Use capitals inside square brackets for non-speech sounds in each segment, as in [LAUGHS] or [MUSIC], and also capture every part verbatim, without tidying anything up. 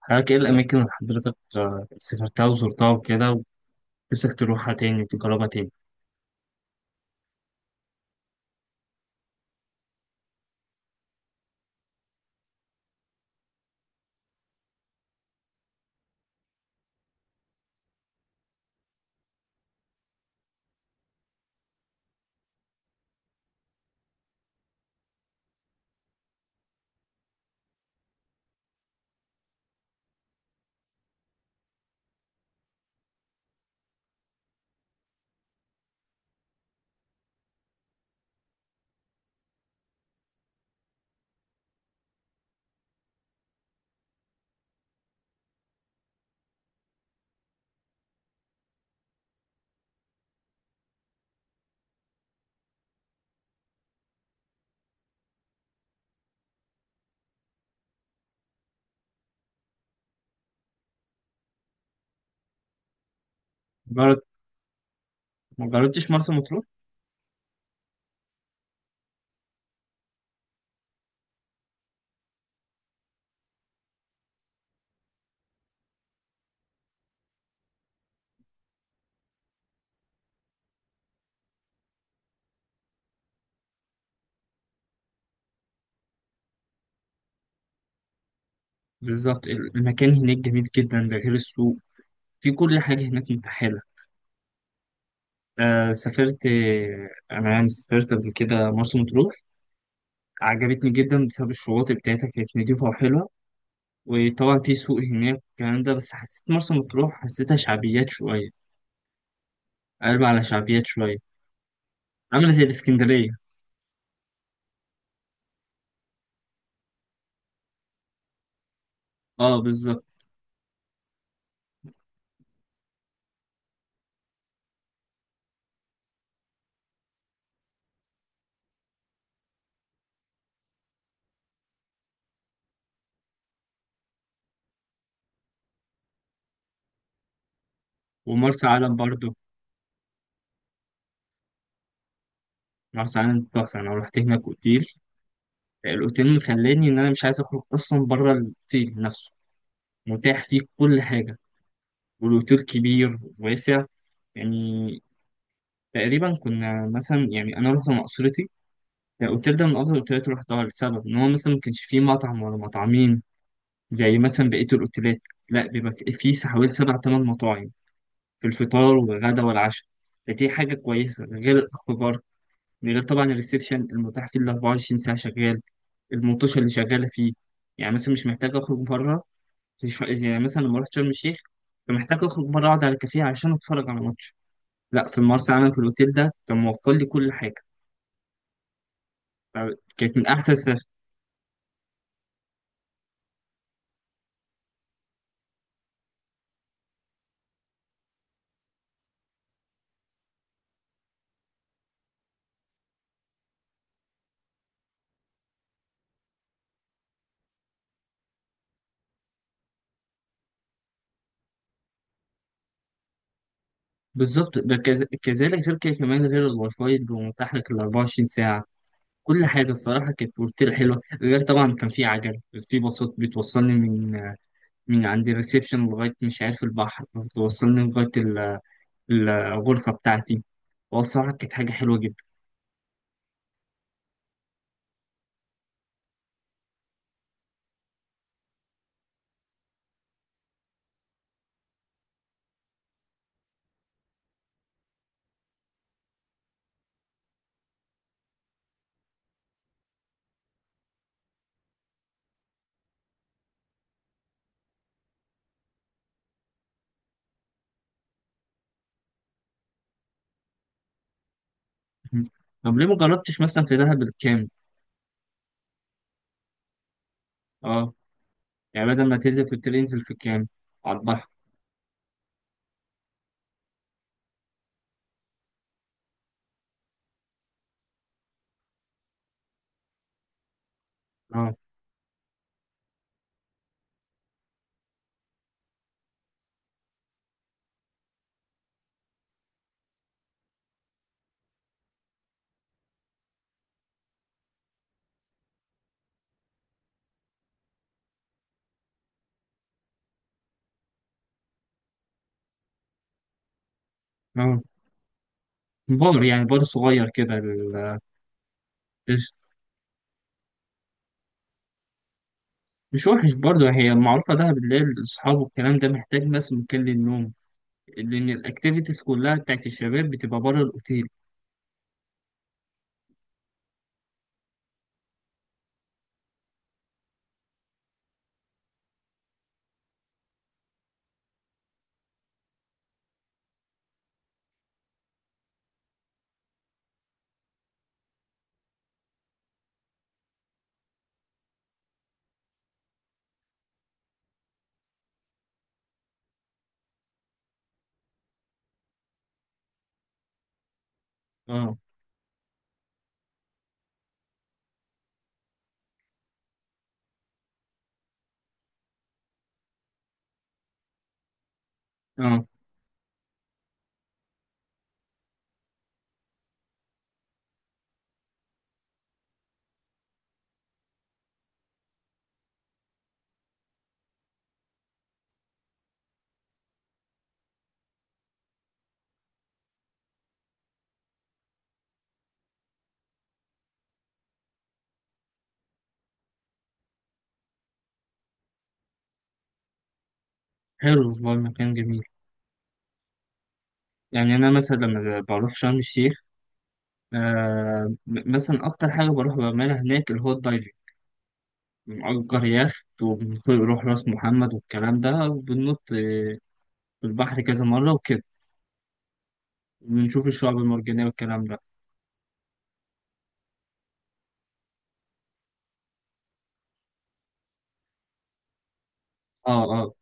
حضرتك ايه الأماكن اللي حضرتك آه، سافرتها وزرتها وكده ونفسك تروحها تاني وتجربها تاني؟ مجرد ما جربتش مرسى مطروح؟ بالظبط ال- المكان هناك جميل جدا، ده غير السوق. في كل حاجة هناك متاحة. آه سافرت، آه، أنا يعني سافرت قبل كده مرسى مطروح. عجبتني جدا بسبب الشواطئ بتاعتها كانت نضيفة وحلوة، وطبعا في سوق هناك الكلام ده. بس حسيت مرسى مطروح حسيتها شعبيات شوية، قلب على شعبيات شوية، عاملة زي الإسكندرية. اه بالظبط. ومرسى علم برضو، مرسى علم تحفة. أنا رحت هناك أوتيل، الأوتيل مخلاني إن أنا مش عايز أخرج أصلا بره الأوتيل نفسه، متاح فيه كل حاجة، والأوتيل كبير واسع. يعني تقريبا كنا مثلا، يعني أنا رحت مع أسرتي. الأوتيل ده من أفضل الأوتيلات اللي رحتها، لسبب إن هو مثلا ما كانش فيه مطعم ولا مطعمين زي مثلا بقية الأوتيلات. لا، بيبقى فيه حوالي سبع تمن مطاعم في الفطار والغدا والعشاء. فدي حاجة كويسة غير الأخبار، من غير طبعا الريسبشن المتاح فيه ال أربعة وعشرين ساعة شغال، المنتشر اللي شغالة فيه. يعني مثلا مش محتاج أخرج بره، زي شو- زي يعني مثلا لما رحت شرم الشيخ كان محتاج أخرج بره أقعد على كافيه عشان أتفرج على ماتش. لا، في المرسى علم في الأوتيل ده كان موفر لي كل حاجة، كانت من أحسن سفر. بالظبط، ده كز- كذلك غير كده، كمان غير الواي فاي اللي هو متاح لك ال أربعة وعشرين ساعة. كل حاجة الصراحة كانت في أوتيل حلوة، غير طبعا كان في عجل، في باصات بتوصلني من من عند الريسبشن لغاية مش عارف البحر، بتوصلني لغاية الغرفة بتاعتي. والصراحة كانت حاجة حلوة جدا. [LAUGHS] طب ليه ما جربتش مثلا في دهب الكامب؟ اه، يعني بدل ما تنزل في التل انزل في الكامب على البحر. اه، اه. بار يعني، بار صغير كده ال- مش مش وحش برضه. هي معروفة دهب اللي هي الأصحاب والكلام ده، محتاج بس مكان للنوم، لأن الأكتيفيتيز كلها بتاعت الشباب بتبقى بره الأوتيل. اه، اه. حلو، والله المكان جميل. يعني أنا مثلا لما بروح شرم الشيخ، آه م- مثلا أكتر حاجة بروح بعملها هناك اللي هو الدايفنج. بنأجر يخت وبنروح راس محمد والكلام ده، وبننط آه، في البحر كذا مرة وكده، وبنشوف الشعب المرجانية والكلام ده. اه، اه.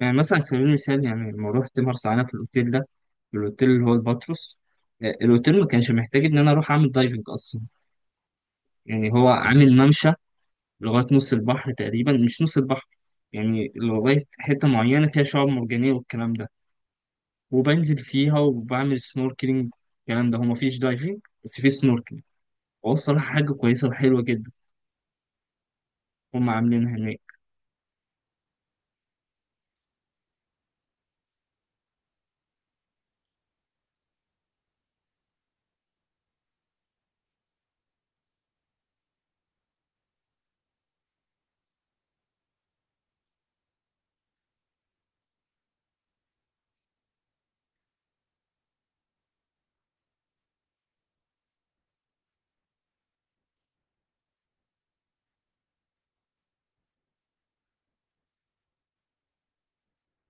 يعني مثلا على سبيل المثال، يعني لما روحت مرسى علم في الأوتيل ده، الأوتيل اللي هو الباتروس، آه، الأوتيل ما كانش محتاج إن أنا أروح أعمل دايفنج أصلا. يعني هو عامل ممشى لغاية نص البحر تقريبا، مش نص البحر، يعني لغاية حتة معينة فيها شعاب مرجانية والكلام ده، وبنزل فيها وبعمل سنوركلينج الكلام ده. هو مفيش دايفنج بس في سنوركلينج. هو الصراحة حاجة كويسة وحلوة جدا، هم عاملينها هناك.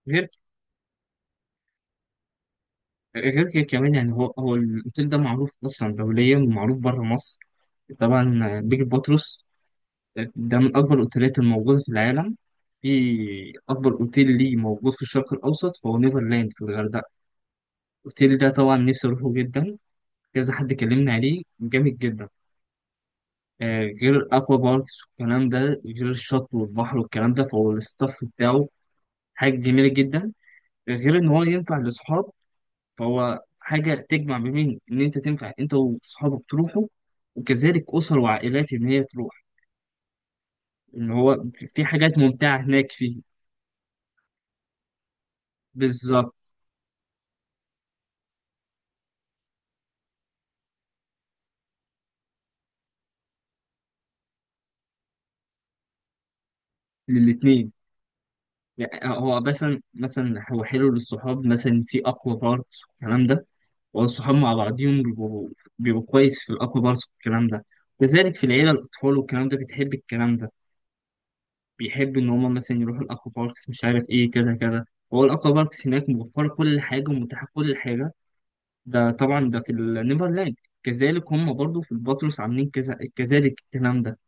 غير، غير كده كمان، يعني هو هو الأوتيل ده معروف أصلا دوليا ومعروف بره مصر. طبعا بيج باتروس ده من أكبر الأوتيلات الموجودة في العالم. في أكبر أوتيل ليه موجود في الشرق الأوسط، فهو نيفرلاند في الغردقة. الأوتيل ده طبعا نفسي أروحه جدا، كذا حد كلمني عليه جامد جدا. آه، غير الأكوا باركس والكلام ده، غير الشط والبحر والكلام ده، فهو الستاف بتاعه حاجة جميلة جدا. غير إن هو ينفع لأصحاب، فهو حاجة تجمع ما بين إن أنت تنفع أنت وصحابك تروحوا، وكذلك أسر وعائلات إن هي تروح، إن هو في في حاجات ممتعة هناك فيه. بالظبط، للاتنين. يعني هو مثلا، مثلا هو حلو للصحاب، مثلا في أقوى باركس والكلام ده، والصحاب مع بعضهم بيبقوا بيبقوا كويس في الأقوى باركس والكلام ده. كذلك في العيلة، الأطفال والكلام ده بتحب الكلام ده، بيحب إن هما مثلا يروحوا الأقوى باركس، مش عارف إيه كذا كذا. هو الأقوى باركس هناك موفرة كل حاجة ومتاحة كل حاجة، ده طبعا ده في النيفرلاند. كذلك هم برضو في البطرس عاملين كذا، كذلك الكلام ده.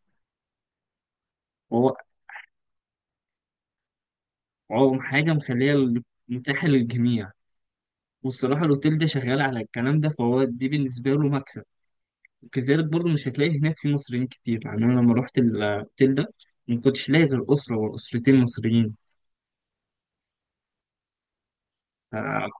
وهو، هو حاجة مخلية ال- متاحة للجميع. والصراحة الأوتيل ده شغال على الكلام ده، فهو دي بالنسبة له مكسب. وكذلك برضو مش هتلاقي هناك في مصريين كتير، يعني أنا لما روحت الأوتيل ده ما كنتش لاقي غير أسرة وأسرتين مصريين. آه.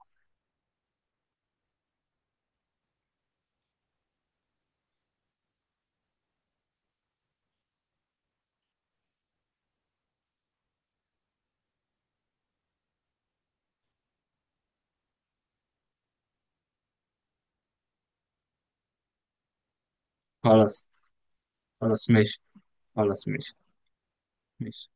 خلاص. خلاص ماشي. خلاص ماشي. ماشي.